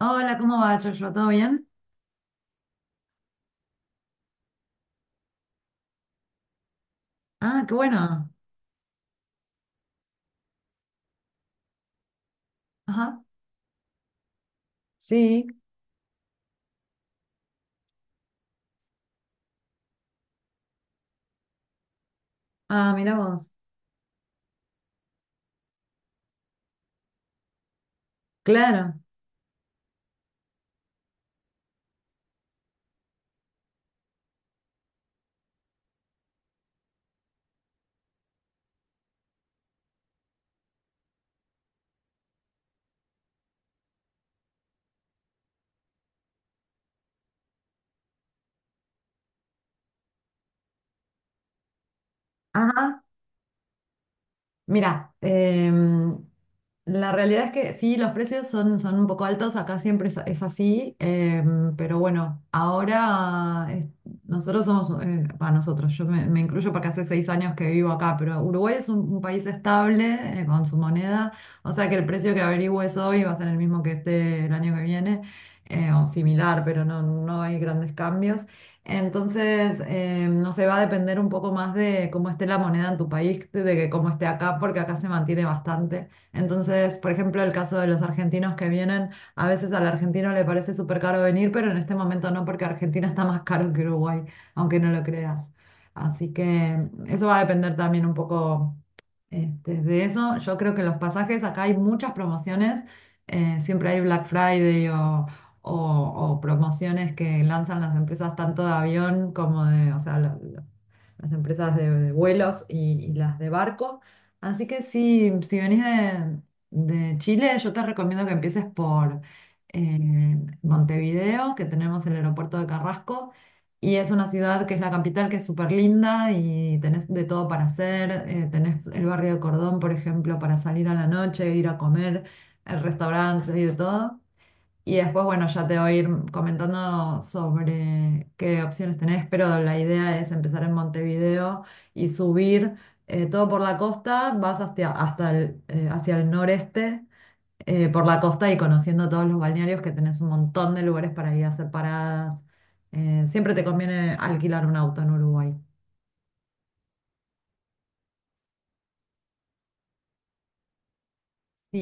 Hola, ¿cómo va, Joshua? ¿Todo bien? Ah, qué bueno. Ajá. Sí. Ah, mira vos. Claro. Ajá. Mira, la realidad es que sí, los precios son un poco altos, acá siempre es así, pero bueno, nosotros somos, para nosotros, yo me incluyo porque hace 6 años que vivo acá, pero Uruguay es un país estable, con su moneda, o sea que el precio que averigües hoy va a ser el mismo que esté el año que viene, o similar, pero no hay grandes cambios. Entonces, no sé, va a depender un poco más de cómo esté la moneda en tu país, de que cómo esté acá, porque acá se mantiene bastante. Entonces, por ejemplo, el caso de los argentinos que vienen, a veces al argentino le parece súper caro venir, pero en este momento no, porque Argentina está más caro que Uruguay, aunque no lo creas. Así que eso va a depender también un poco de eso. Yo creo que los pasajes, acá hay muchas promociones, siempre hay Black Friday o, o promociones que lanzan las empresas tanto de avión como de, o sea, las empresas de vuelos y las de barco. Así que si venís de Chile, yo te recomiendo que empieces por eh, Montevideo, que tenemos el aeropuerto de Carrasco. Y es una ciudad que es la capital, que es súper linda y tenés de todo para hacer. Tenés el barrio de Cordón, por ejemplo, para salir a la noche, ir a comer, restaurantes y de todo. Y después, bueno, ya te voy a ir comentando sobre qué opciones tenés, pero la idea es empezar en Montevideo y subir todo por la costa, vas hasta hacia el noreste, por la costa y conociendo todos los balnearios que tenés un montón de lugares para ir a hacer paradas. Siempre te conviene alquilar un auto en Uruguay. Si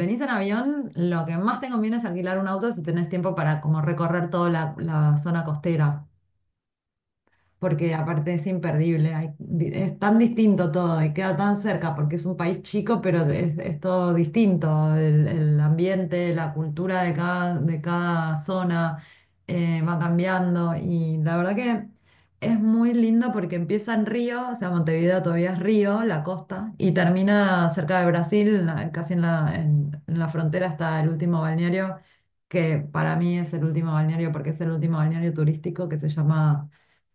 venís en avión, lo que más te conviene es alquilar un auto si tenés tiempo para como recorrer toda la zona costera. Porque aparte es imperdible, es tan distinto todo y queda tan cerca porque es un país chico, pero es todo distinto, el ambiente, la cultura de cada zona va cambiando y la verdad que es muy lindo porque empieza en Río, o sea, Montevideo todavía es Río, la costa, y termina cerca de Brasil, casi en la frontera está el último balneario que para mí es el último balneario porque es el último balneario turístico que se llama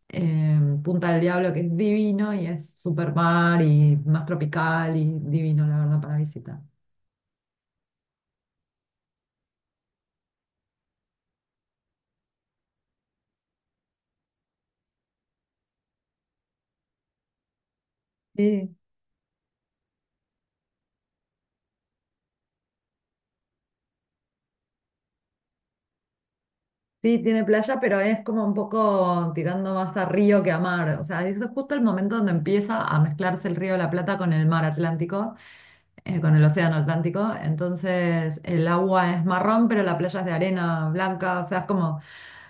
Punta del Diablo, que es divino y es super mar y más tropical y divino, la verdad, para visitar. Sí, sí, tiene playa, pero es como un poco tirando más a río que a mar. O sea, es justo el momento donde empieza a mezclarse el río de la Plata con el mar Atlántico, con el océano Atlántico. Entonces, el agua es marrón, pero la playa es de arena blanca, o sea, es como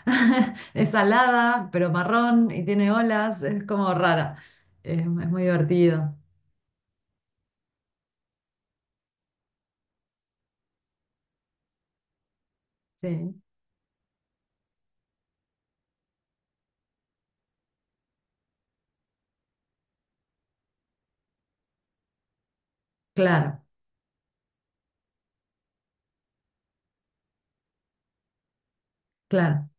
es salada, pero marrón y tiene olas, es como rara. Es muy divertido. Sí. Claro, claro.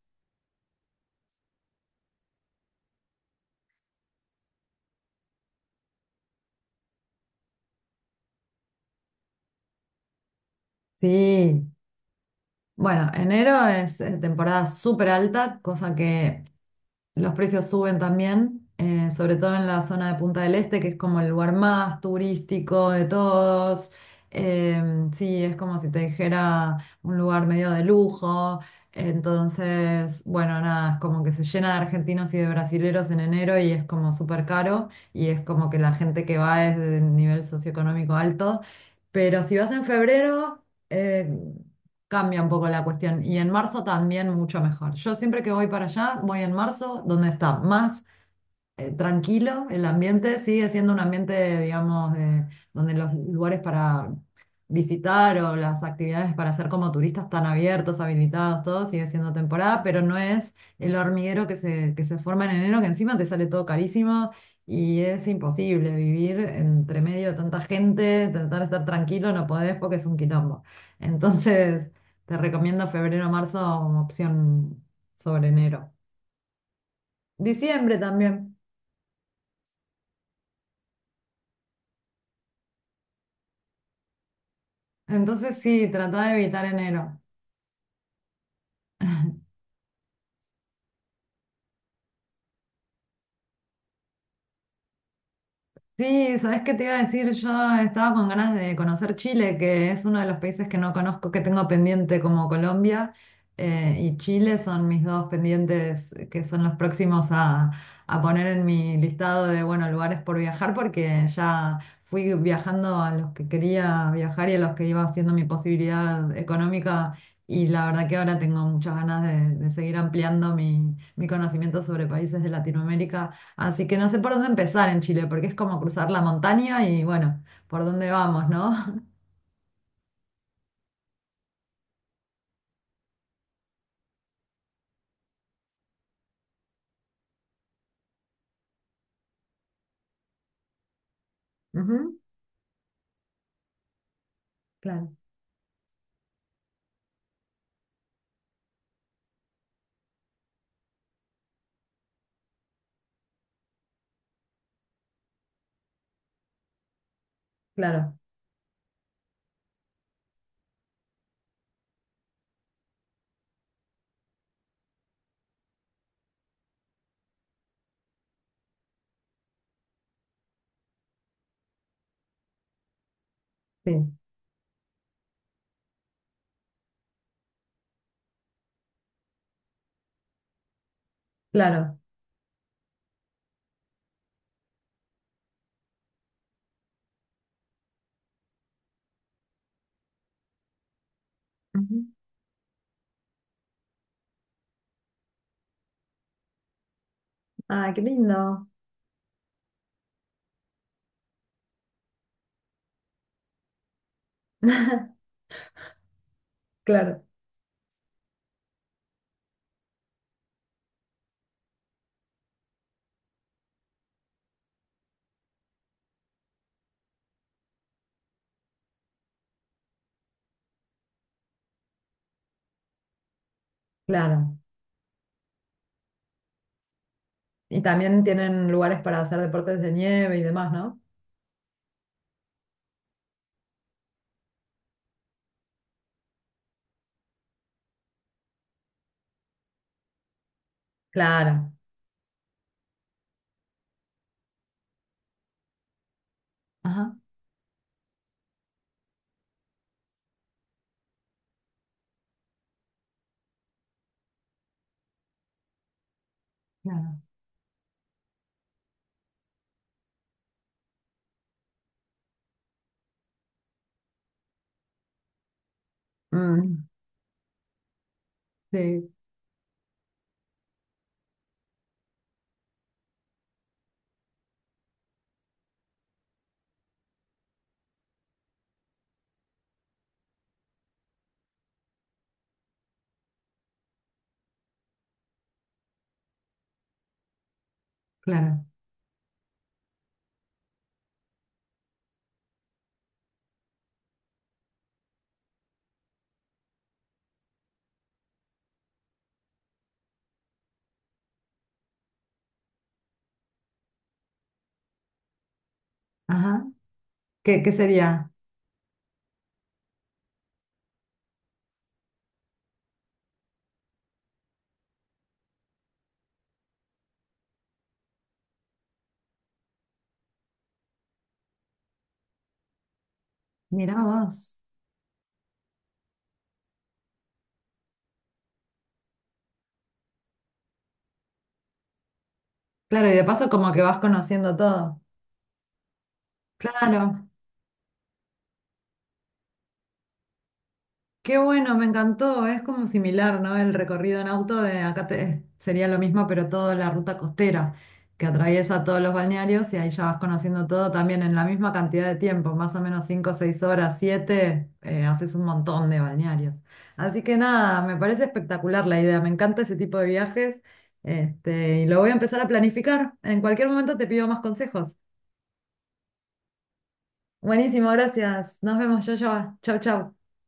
Sí. Bueno, enero es temporada súper alta, cosa que los precios suben también, sobre todo en la zona de Punta del Este, que es como el lugar más turístico de todos. Sí, es como si te dijera un lugar medio de lujo. Entonces, bueno, nada, es como que se llena de argentinos y de brasileros en enero y es como súper caro y es como que la gente que va es de nivel socioeconómico alto. Pero si vas en febrero, eh, cambia un poco la cuestión. Y en marzo también mucho mejor. Yo siempre que voy para allá, voy en marzo, donde está más tranquilo, el ambiente sigue siendo un ambiente, digamos, donde los lugares para visitar o las actividades para hacer como turistas están abiertos, habilitados, todo sigue siendo temporada, pero no es el hormiguero que se forma en enero, que encima te sale todo carísimo y es imposible vivir entre medio de tanta gente, tratar de estar tranquilo, no podés porque es un quilombo. Entonces, te recomiendo febrero marzo como opción sobre enero. Diciembre también. Entonces sí, tratá de evitar enero. Sí, ¿sabés qué te iba a decir? Yo estaba con ganas de conocer Chile, que es uno de los países que no conozco, que tengo pendiente como Colombia, y Chile son mis dos pendientes que son los próximos a poner en mi listado de, bueno, lugares por viajar, porque ya fui viajando a los que quería viajar y a los que iba haciendo mi posibilidad económica, y la verdad que ahora tengo muchas ganas de seguir ampliando mi conocimiento sobre países de Latinoamérica. Así que no sé por dónde empezar en Chile, porque es como cruzar la montaña y bueno, por dónde vamos, ¿no? Ujú, claro, claro, sí, claro. Ujú. Ah, qué lindo. Claro, claro. Y también tienen lugares para hacer deportes de nieve y demás, ¿no? Claro. Ajá, claro. Mm, sí, claro. Ajá. ¿Qué sería? Mirá vos. Claro, y de paso como que vas conociendo todo. Claro. Qué bueno, me encantó. Es como similar, ¿no? El recorrido en auto de acá sería lo mismo, pero toda la ruta costera que atraviesa todos los balnearios y ahí ya vas conociendo todo también en la misma cantidad de tiempo, más o menos 5, 6 horas, 7, haces un montón de balnearios. Así que nada, me parece espectacular la idea, me encanta ese tipo de viajes, y lo voy a empezar a planificar. En cualquier momento te pido más consejos. Buenísimo, gracias. Nos vemos, yo. Chau, chau.